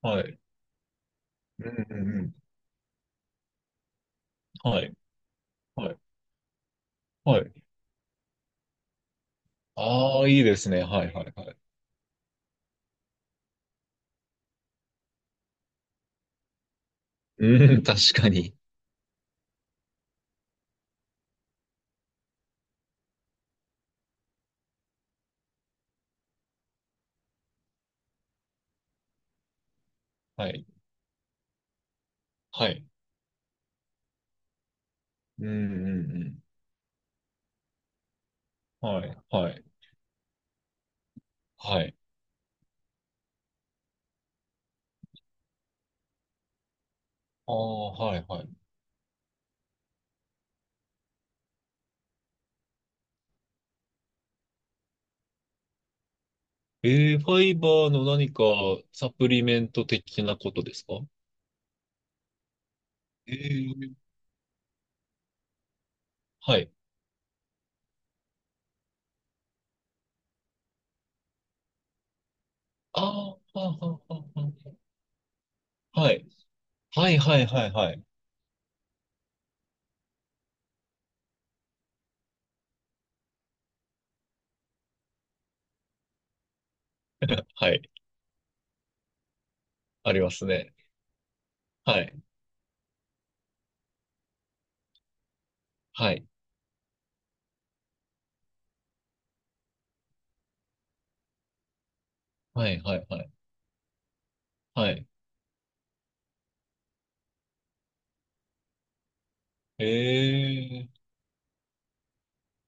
はい。うんうんうん。はい。はい。はい。ああ、いいですね。はい。はい。はい。うん、確かに。はい。はい。うんうんうん。はい。はい。はい。ああ、はい。はい。えー、ファイバーの何かサプリメント的なことですか？えー、はい。ああ、はあはあはあはあはい。はい。はい。はい。はい。はい。ありますね。はい。はい。はい。はい。はい。はい。えー、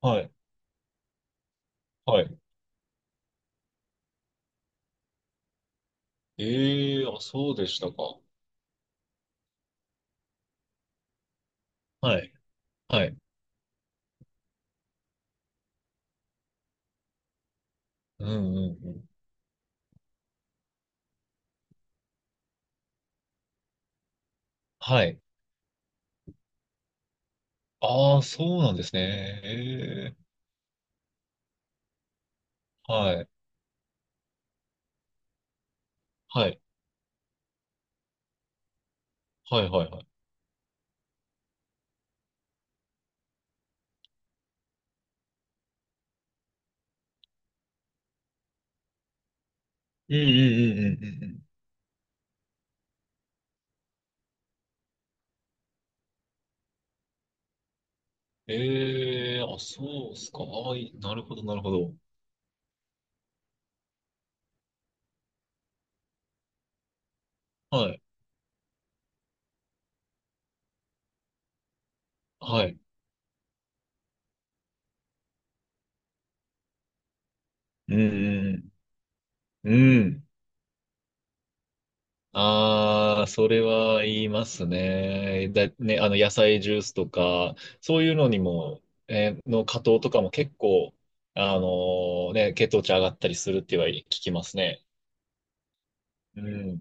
はい。はい。えー、あ、そうでしたか。はい。はい。うんうんうん。はい。ああ、そうなんですね。ええ。はい。はい。はいはいはい。うんうんうんうんうんうん。ええ、あ、そうっすか。ああ、いい、なるほどなるほど。はい。はい。うんうんうん。うん。ああ、それは言いますね。だ、ね、あの、野菜ジュースとか、そういうのにも、えーの加糖とかも結構、あのーね、血糖値上がったりするっては聞きますね。うん。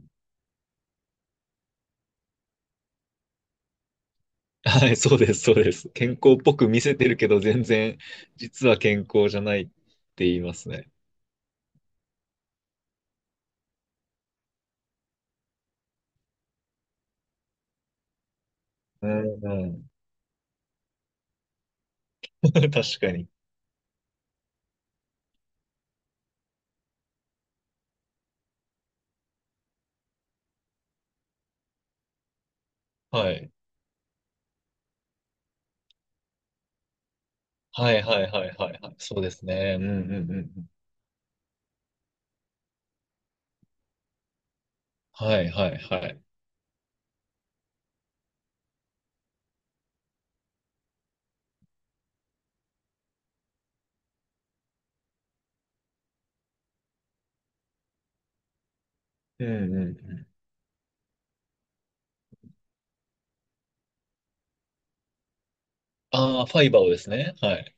はい、そうです、そうです。健康っぽく見せてるけど、全然、実は健康じゃないって言いますね。うんうん。確かに。はい。はいはいはいはいはい。そうですね。うんうんうんうん。はいはいはい。うんうんうん。ああ、ファイバーをですね。はい。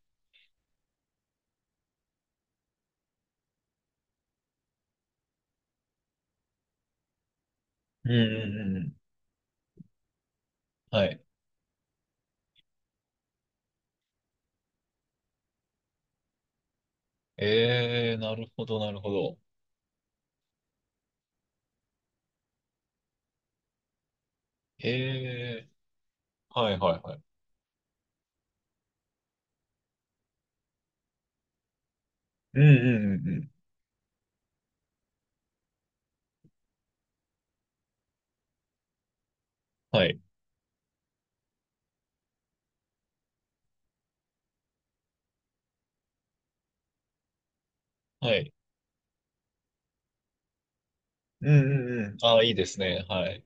うんうんうんうん。はい。えー、なるほどなるほど。ええー、はいはいはい。うんうんうんうん。はい。はい。うんうんうん。ああ、いいですね。はい。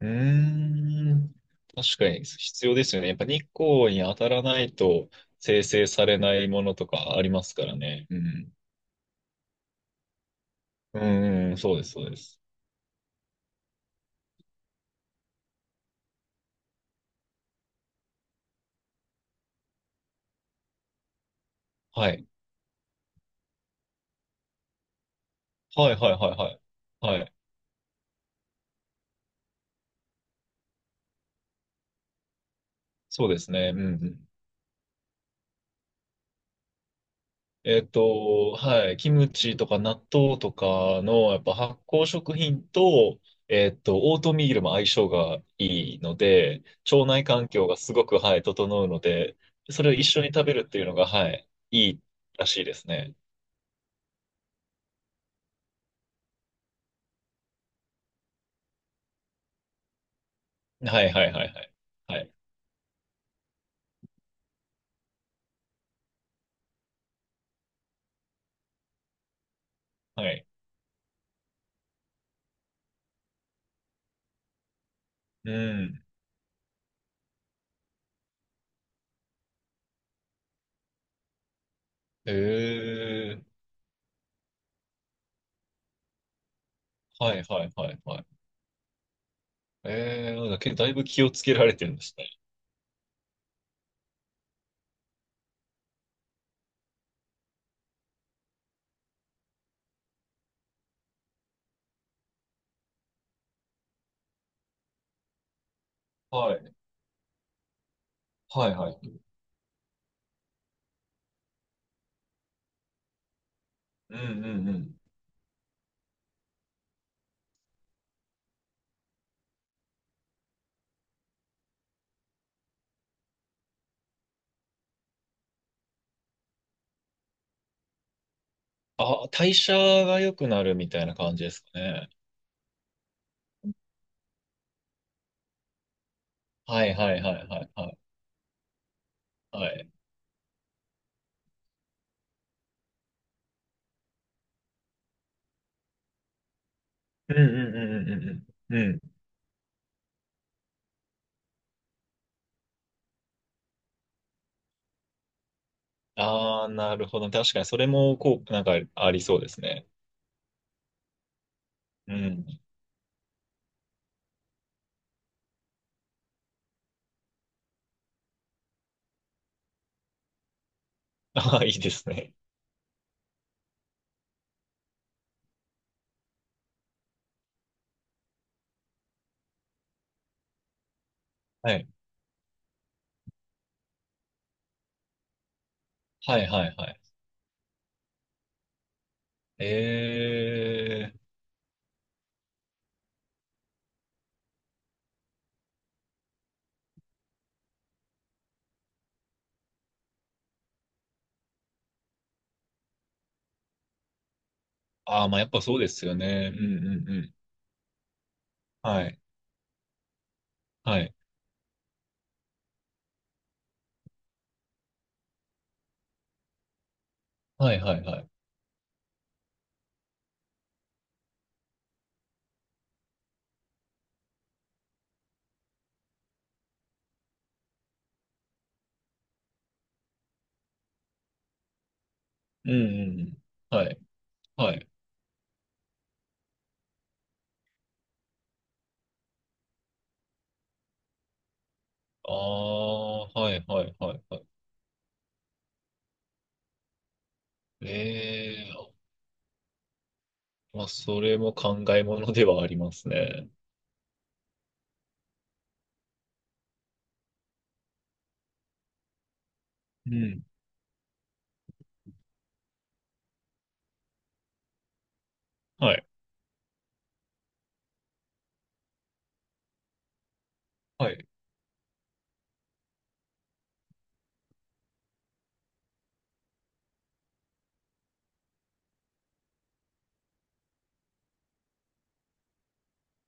うーん。確かに必要ですよね。やっぱ日光に当たらないと生成されないものとかありますからね。うん。うんうん、そうです、そうです。はい。はい、はい、はい、はい。はい。そうですね。うんうん。えっと、はい。キムチとか納豆とかの、やっぱ発酵食品と、えっと、オートミールも相性がいいので、腸内環境がすごく、はい、整うので、それを一緒に食べるっていうのが、はい、いいらしいですね。はいはいはいはい。はい。はい。うん。ええ。はいはいはいはい。ええ、だけだいぶ気をつけられてるんですね。はい。はいはい。うんうんうん。あ、代謝が良くなるみたいな感じですかね。はいはいはいはいはい。はい。うんうんうんうんうんうん。うん。ああ、なるほど。確かにそれもこう、なんかありそうですね。うん。ああ、いいですね。はい。はいはいはい。ええ。ああ、まあやっぱそうですよね。うんうん。はい。はい。はいはいはい。うんうんうん。はい。はい。ああ、はいはいはいはい。ええー、まあ、それも考えものではありますね。うん。はい。はい。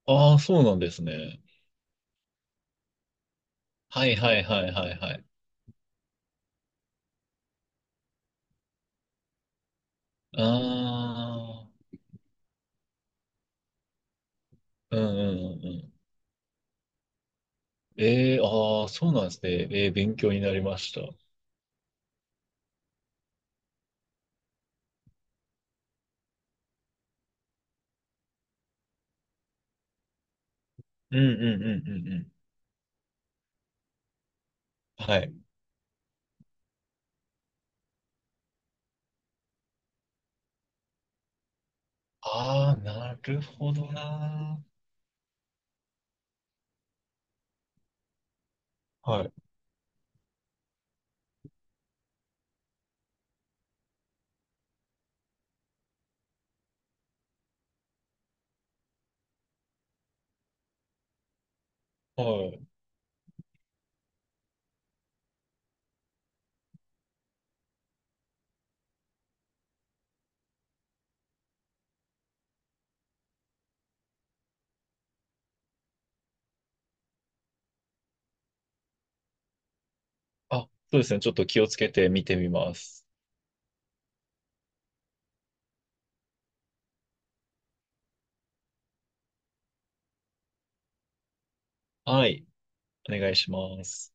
ああ、そうなんですね。はいはいはいはいはい。ああ、うんうんうんうん。ええー、ああ、そうなんですね。ええ、勉強になりました。うんうんうんうんうん。はい。ああ、なるほどなー。はい。はい。あ、そうですね。ちょっと気をつけて見てみます。はい。お願いします。